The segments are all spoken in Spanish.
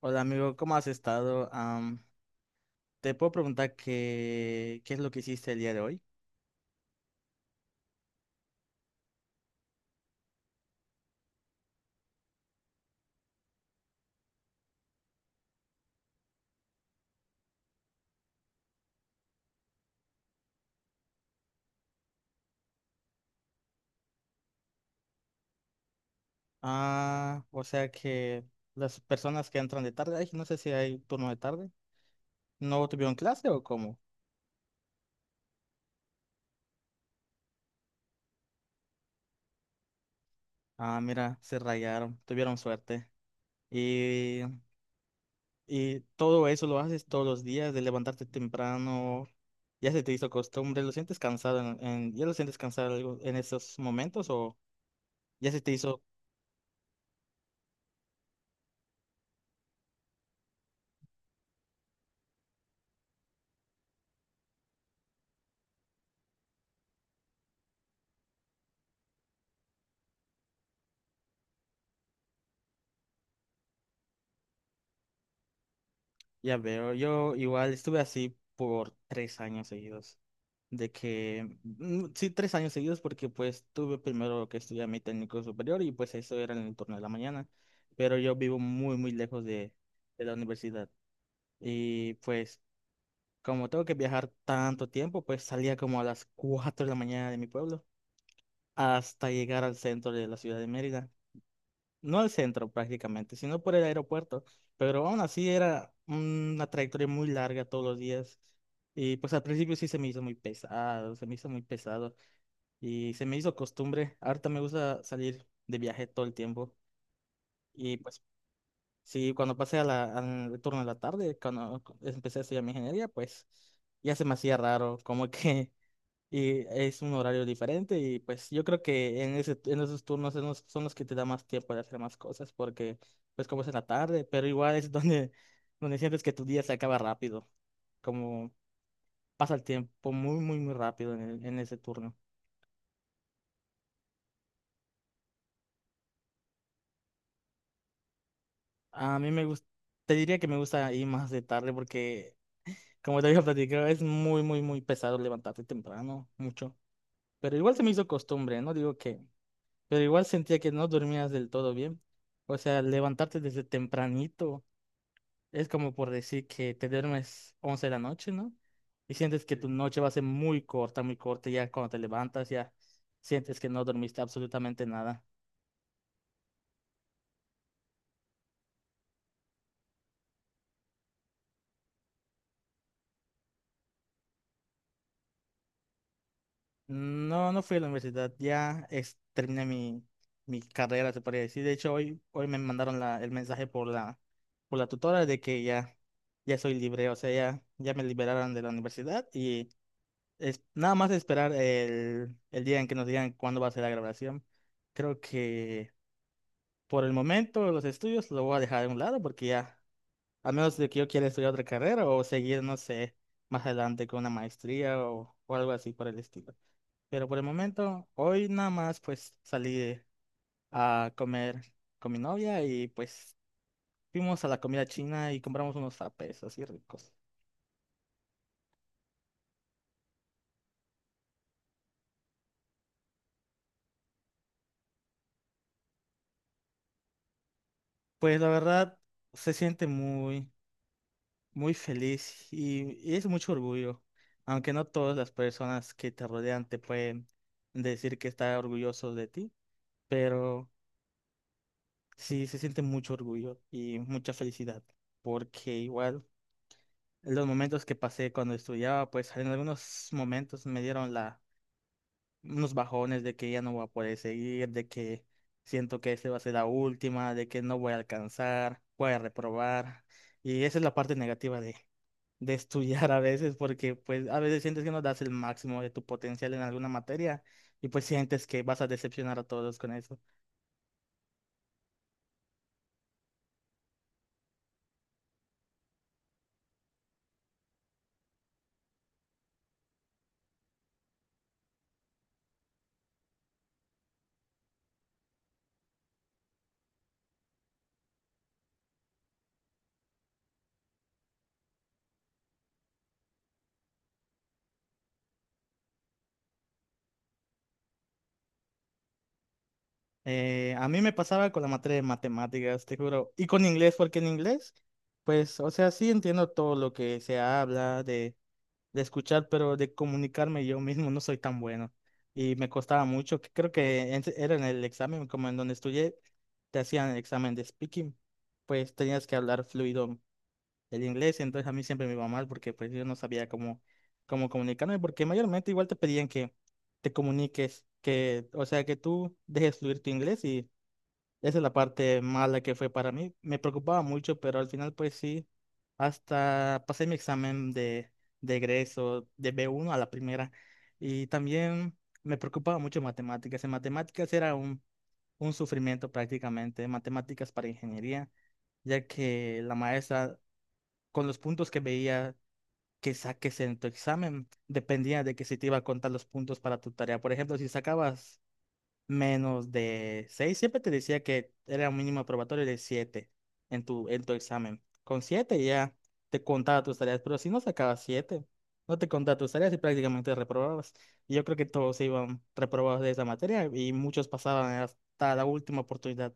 Hola amigo, ¿cómo has estado? Te puedo preguntar qué es lo que hiciste el día de hoy. Ah, o sea que las personas que entran de tarde, ay, no sé si hay turno de tarde, ¿no tuvieron clase o cómo? Ah, mira, se rayaron, tuvieron suerte. Y, y todo eso lo haces todos los días, de levantarte temprano, ya se te hizo costumbre, ¿lo sientes cansado ya lo sientes cansado algo en esos momentos o ya se te hizo? Ya veo, yo igual estuve así por 3 años seguidos, de que, sí, 3 años seguidos porque pues tuve primero que estudiar mi técnico superior y pues eso era en el turno de la mañana, pero yo vivo muy, muy lejos de la universidad y pues como tengo que viajar tanto tiempo, pues salía como a las 4 de la mañana de mi pueblo hasta llegar al centro de la ciudad de Mérida, no al centro prácticamente, sino por el aeropuerto. Pero aún así era una trayectoria muy larga todos los días. Y pues al principio sí se me hizo muy pesado, se me hizo muy pesado y se me hizo costumbre. Ahorita me gusta salir de viaje todo el tiempo. Y pues sí, cuando pasé a al retorno de la tarde, cuando empecé a estudiar mi ingeniería, pues ya se me hacía raro, como que y es un horario diferente y pues yo creo que en esos turnos son los que te da más tiempo de hacer más cosas porque pues como es en la tarde, pero igual es donde sientes que tu día se acaba rápido, como pasa el tiempo muy, muy, muy rápido en ese turno. A mí me gusta, te diría que me gusta ir más de tarde porque como te había platicado es muy, muy, muy pesado levantarte temprano, mucho, pero igual se me hizo costumbre, no digo que, pero igual sentía que no dormías del todo bien, o sea, levantarte desde tempranito. Es como por decir que te duermes 11 de la noche, ¿no? Y sientes que tu noche va a ser muy corta, y ya cuando te levantas ya sientes que no dormiste absolutamente nada. No, no fui a la universidad, terminé mi carrera, se podría decir. De hecho, hoy me mandaron el mensaje por la tutora de que ya soy libre, o sea, ya me liberaron de la universidad y es nada más esperar el día en que nos digan cuándo va a ser la grabación. Creo que. Por el momento, los estudios los voy a dejar a un lado porque ya, a menos de que yo quiera estudiar otra carrera o seguir, no sé, más adelante con una maestría o algo así por el estilo. Pero por el momento, hoy nada más pues salí a comer con mi novia y pues fuimos a la comida china y compramos unos zapes así ricos. Pues la verdad, se siente muy, muy feliz y es mucho orgullo, aunque no todas las personas que te rodean te pueden decir que está orgulloso de ti, pero sí se siente mucho orgullo y mucha felicidad, porque igual en los momentos que pasé cuando estudiaba, pues en algunos momentos me dieron unos bajones de que ya no voy a poder seguir, de que siento que esta va a ser la última, de que no voy a alcanzar, voy a reprobar, y esa es la parte negativa de estudiar a veces, porque pues a veces sientes que no das el máximo de tu potencial en alguna materia, y pues sientes que vas a decepcionar a todos con eso. A mí me pasaba con la materia de matemáticas, te juro. Y con inglés, porque en inglés, pues, o sea, sí entiendo todo lo que se habla, de escuchar, pero de comunicarme yo mismo no soy tan bueno. Y me costaba mucho, que creo que era en el examen, como en donde estudié, te hacían el examen de speaking, pues tenías que hablar fluido el inglés, entonces a mí siempre me iba mal porque pues yo no sabía cómo comunicarme, porque mayormente igual te pedían que te comuniques, que, o sea, que tú dejes fluir tu inglés y esa es la parte mala que fue para mí. Me preocupaba mucho, pero al final pues sí, hasta pasé mi examen de egreso de B1 a la primera. Y también me preocupaba mucho matemáticas. En matemáticas era un sufrimiento prácticamente, matemáticas para ingeniería, ya que la maestra con los puntos que veía que saques en tu examen dependía de que si te iba a contar los puntos para tu tarea. Por ejemplo, si sacabas menos de 6 siempre te decía que era un mínimo probatorio de 7 en tu examen. Con 7 ya te contaba tus tareas, pero si no sacabas 7 no te contaba tus tareas y prácticamente reprobabas. Y yo creo que todos iban reprobados de esa materia y muchos pasaban hasta la última oportunidad.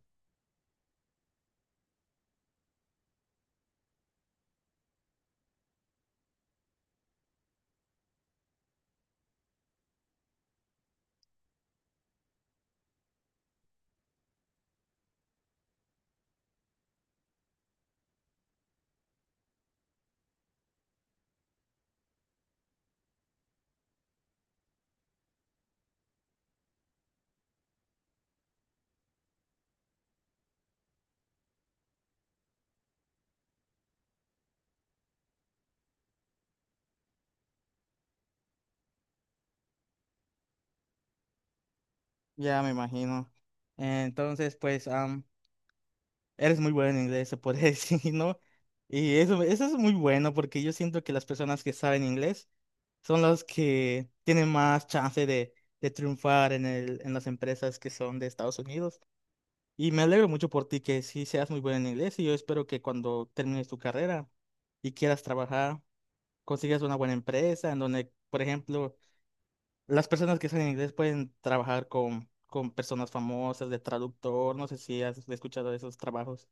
Ya me imagino. Entonces, pues, eres muy bueno en inglés, se puede decir, ¿no? Y eso es muy bueno porque yo siento que las personas que saben inglés son los que tienen más chance de triunfar en las empresas que son de Estados Unidos. Y me alegro mucho por ti que sí seas muy buena en inglés y yo espero que cuando termines tu carrera y quieras trabajar, consigas una buena empresa en donde, por ejemplo, las personas que saben inglés pueden trabajar con personas famosas de traductor, no sé si has escuchado de esos trabajos.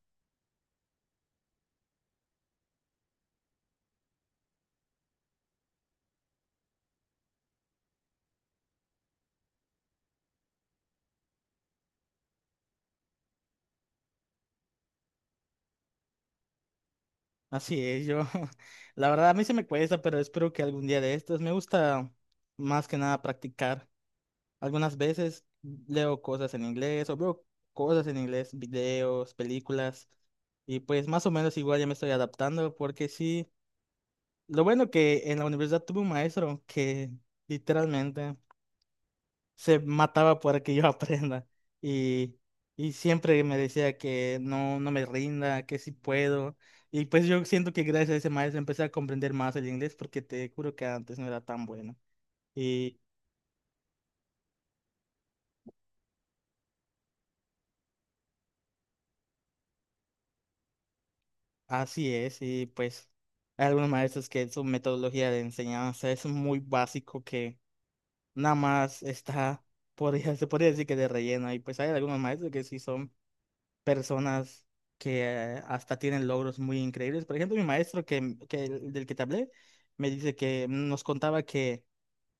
Así es, yo, la verdad a mí se me cuesta, pero espero que algún día de estos me gusta más que nada practicar. Algunas veces leo cosas en inglés o veo cosas en inglés, videos, películas, y pues más o menos igual ya me estoy adaptando porque sí, lo bueno que en la universidad tuve un maestro que literalmente se mataba para que yo aprenda y, y siempre me decía que no, no me rinda, que sí puedo, y pues yo siento que gracias a ese maestro empecé a comprender más el inglés porque te juro que antes no era tan bueno. Así es, y pues hay algunos maestros que su metodología de enseñanza es muy básico que nada más está, se podría decir que de relleno, y pues hay algunos maestros que sí son personas que hasta tienen logros muy increíbles. Por ejemplo, mi maestro del que te hablé me dice que nos contaba que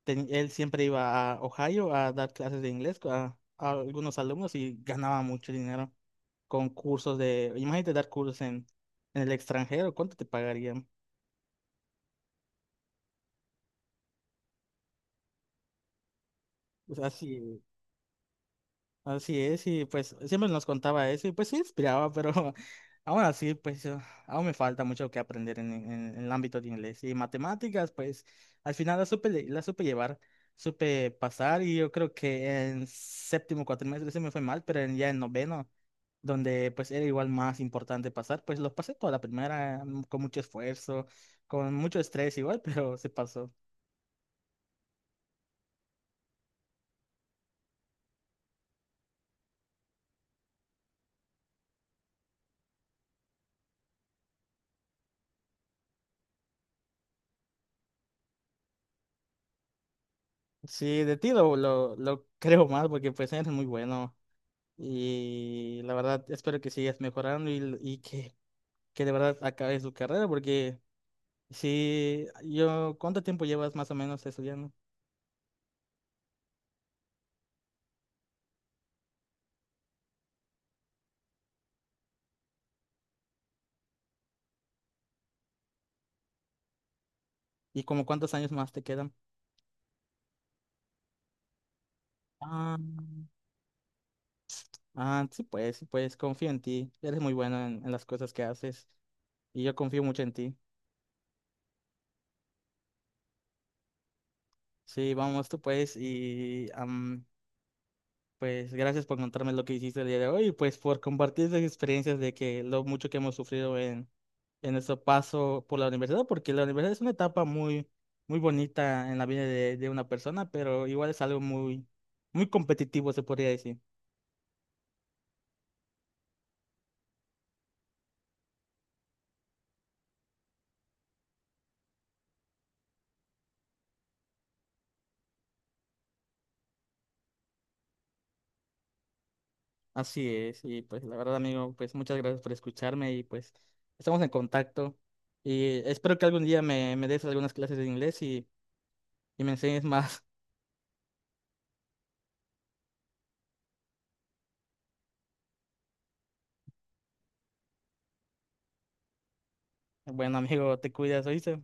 él siempre iba a Ohio a dar clases de inglés a algunos alumnos y ganaba mucho dinero con cursos imagínate dar cursos en el extranjero, ¿cuánto te pagarían? O sea, si. Así es, y pues siempre nos contaba eso, y pues sí inspiraba, pero aún así, pues aún me falta mucho que aprender en el ámbito de inglés. Y matemáticas, pues al final la supe llevar, supe pasar, y yo creo que en séptimo cuatrimestre se me fue mal, pero ya en noveno, donde pues era igual más importante pasar, pues lo pasé toda la primera, con mucho esfuerzo, con mucho estrés igual, pero se pasó. Sí, de ti lo creo más, porque pues eres muy bueno. Y la verdad, espero que sigas mejorando y que de verdad acabes tu carrera, porque si yo, ¿cuánto tiempo llevas más o menos estudiando? ¿Y como cuántos años más te quedan? Ah, ah, sí, pues confío en ti. Eres muy bueno en las cosas que haces y yo confío mucho en ti. Sí, vamos tú pues y pues gracias por contarme lo que hiciste el día de hoy y pues por compartir esas experiencias de que lo mucho que hemos sufrido en nuestro paso por la universidad, porque la universidad es una etapa muy, muy bonita en la vida de una persona, pero igual es algo muy, muy competitivo, se podría decir. Así es, y pues la verdad, amigo, pues muchas gracias por escucharme y pues estamos en contacto y espero que algún día me des algunas clases de inglés y me enseñes más. Bueno, amigo, te cuidas, ¿oíste?